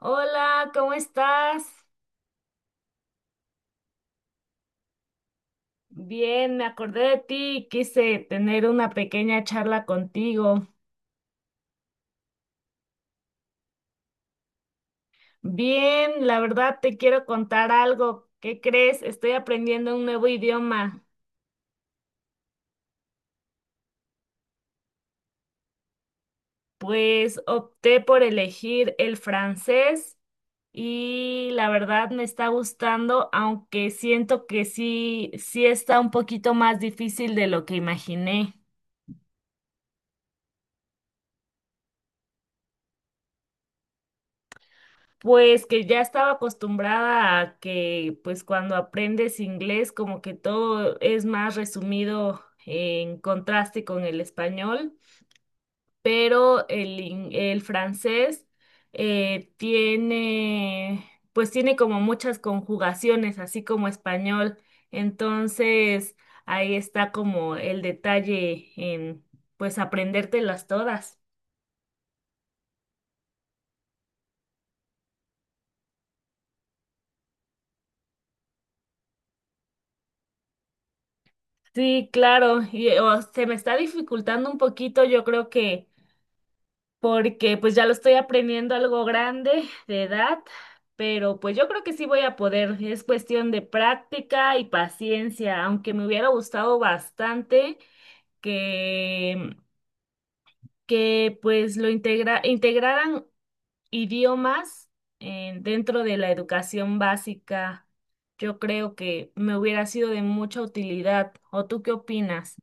Hola, ¿cómo estás? Bien, me acordé de ti y quise tener una pequeña charla contigo. Bien, la verdad te quiero contar algo. ¿Qué crees? Estoy aprendiendo un nuevo idioma. Pues opté por elegir el francés y la verdad me está gustando, aunque siento que sí está un poquito más difícil de lo que imaginé. Pues que ya estaba acostumbrada a que pues cuando aprendes inglés como que todo es más resumido en contraste con el español, pero el francés tiene pues tiene como muchas conjugaciones, así como español. Entonces ahí está como el detalle en pues aprendértelas todas. Sí, claro, y o se me está dificultando un poquito, yo creo que porque pues ya lo estoy aprendiendo algo grande de edad, pero pues yo creo que sí voy a poder. Es cuestión de práctica y paciencia, aunque me hubiera gustado bastante que, que pues lo integraran idiomas dentro de la educación básica. Yo creo que me hubiera sido de mucha utilidad. ¿O tú qué opinas?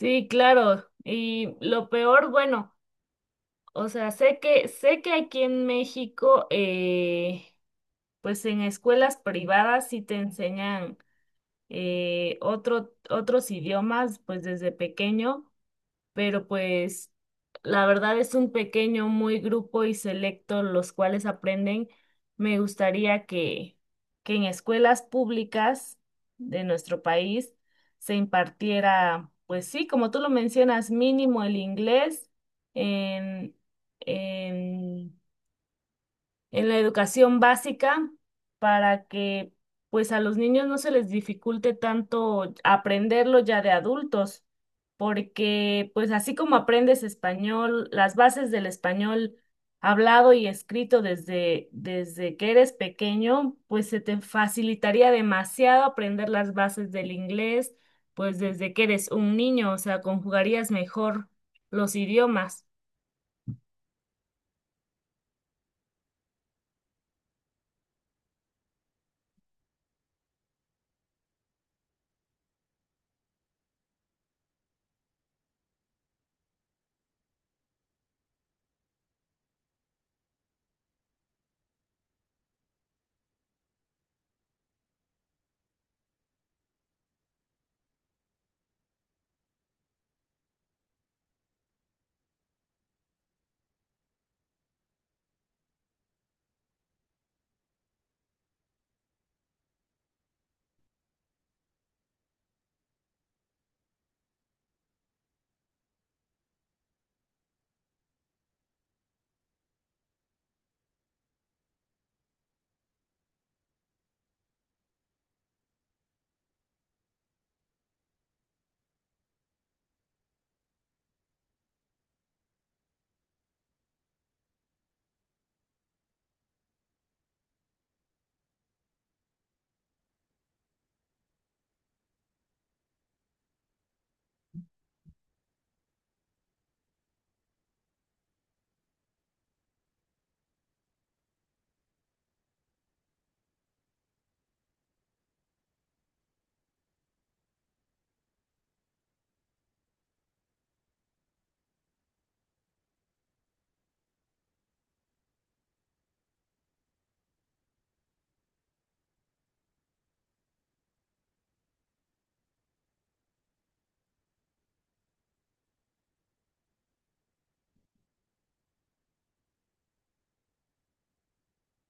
Sí, claro. Y lo peor, bueno. O sea, sé que aquí en México, pues en escuelas privadas sí te enseñan otros idiomas, pues desde pequeño, pero pues la verdad es un pequeño, muy grupo y selecto los cuales aprenden. Me gustaría que en escuelas públicas de nuestro país se impartiera, pues sí, como tú lo mencionas, mínimo el inglés en, en en la educación básica para que pues a los niños no se les dificulte tanto aprenderlo ya de adultos, porque pues así como aprendes español, las bases del español hablado y escrito desde que eres pequeño, pues se te facilitaría demasiado aprender las bases del inglés, pues desde que eres un niño, o sea, conjugarías mejor los idiomas.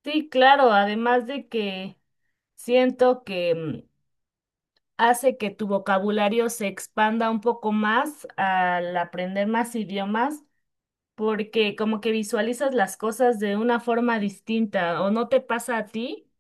Sí, claro, además de que siento que hace que tu vocabulario se expanda un poco más al aprender más idiomas, porque como que visualizas las cosas de una forma distinta, ¿o no te pasa a ti?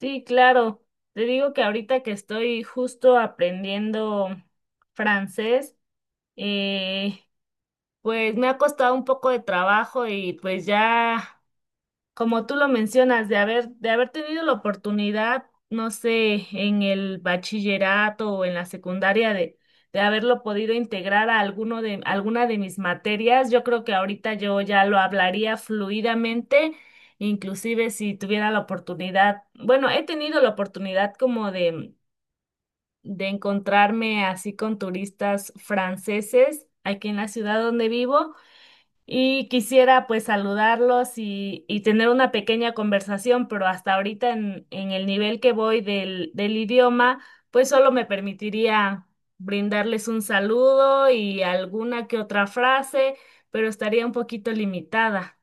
Sí, claro. Te digo que ahorita que estoy justo aprendiendo francés, eh, pues me ha costado un poco de trabajo y pues ya. Como tú lo mencionas, de haber tenido la oportunidad, no sé, en el bachillerato o en la secundaria de haberlo podido integrar a alguna de mis materias, yo creo que ahorita yo ya lo hablaría fluidamente, inclusive si tuviera la oportunidad, bueno, he tenido la oportunidad de encontrarme así con turistas franceses aquí en la ciudad donde vivo. Y quisiera pues saludarlos y tener una pequeña conversación, pero hasta ahorita en el nivel que voy del idioma, pues solo me permitiría brindarles un saludo y alguna que otra frase, pero estaría un poquito limitada.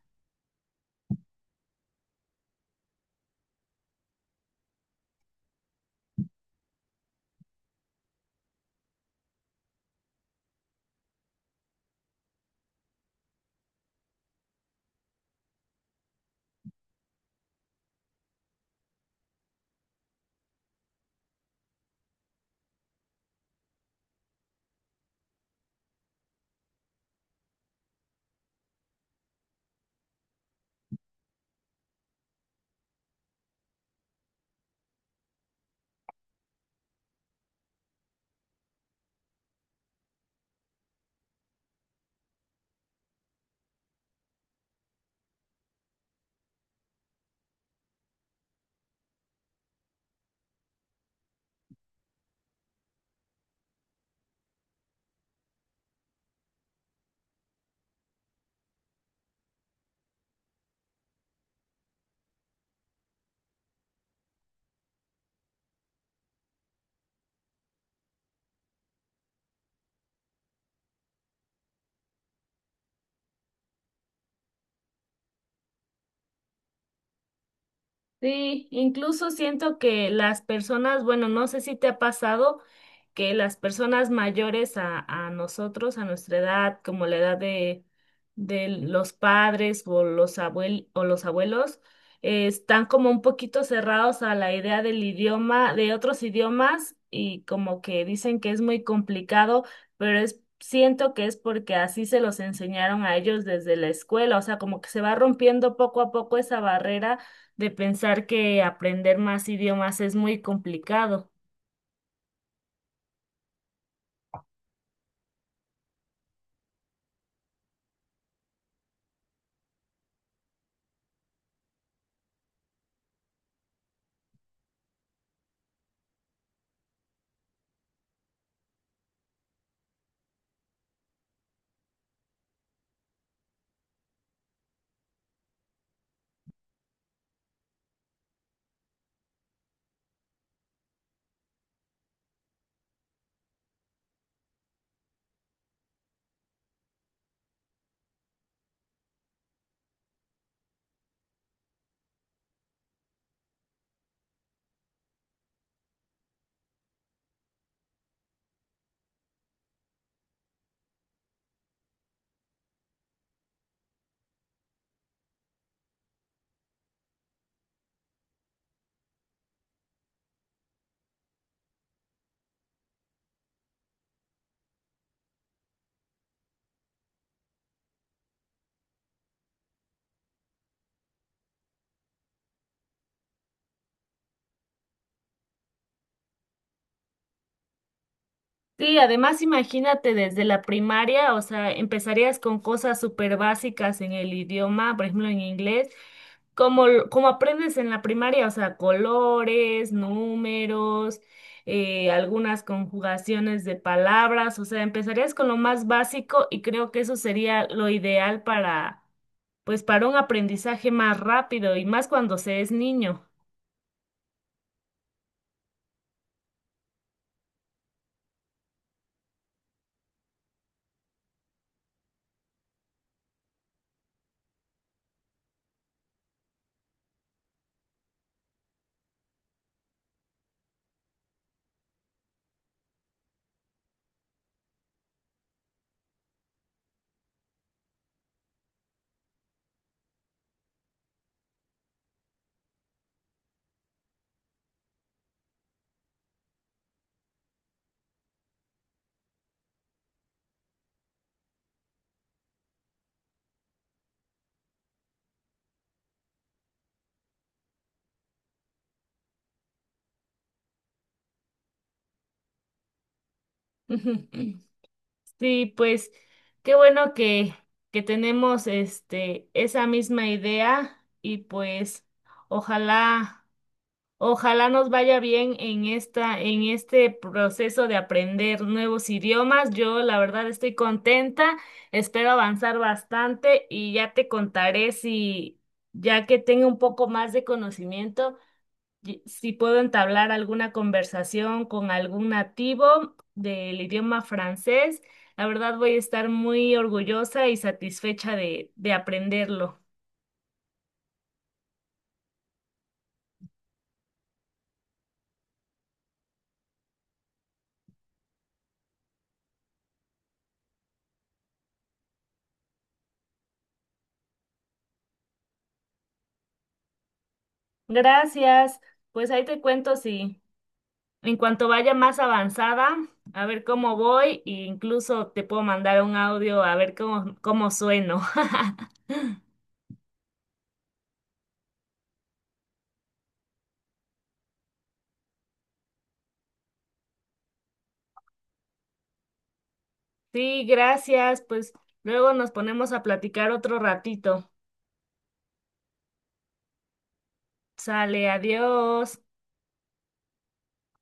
Sí, incluso siento que las personas, bueno, no sé si te ha pasado que las personas mayores a nosotros, a nuestra edad, como la edad de los padres o los abuel o los abuelos, están como un poquito cerrados a la idea del idioma, de otros idiomas, y como que dicen que es muy complicado, pero es, siento que es porque así se los enseñaron a ellos desde la escuela, o sea, como que se va rompiendo poco a poco esa barrera de pensar que aprender más idiomas es muy complicado. Sí, además imagínate desde la primaria, o sea, empezarías con cosas súper básicas en el idioma, por ejemplo en inglés, como aprendes en la primaria, o sea, colores, números, algunas conjugaciones de palabras, o sea, empezarías con lo más básico y creo que eso sería lo ideal para, pues, para un aprendizaje más rápido y más cuando se es niño. Sí, pues qué bueno que tenemos este esa misma idea y pues ojalá, ojalá nos vaya bien en esta, en este proceso de aprender nuevos idiomas. Yo la verdad estoy contenta, espero avanzar bastante y ya te contaré si ya que tenga un poco más de conocimiento, si puedo entablar alguna conversación con algún nativo del idioma francés, la verdad voy a estar muy orgullosa y satisfecha de aprenderlo. Gracias. Pues ahí te cuento si en cuanto vaya más avanzada, a ver cómo voy e incluso te puedo mandar un audio a ver cómo sueno. Sí, gracias. Pues luego nos ponemos a platicar otro ratito. Sale, adiós.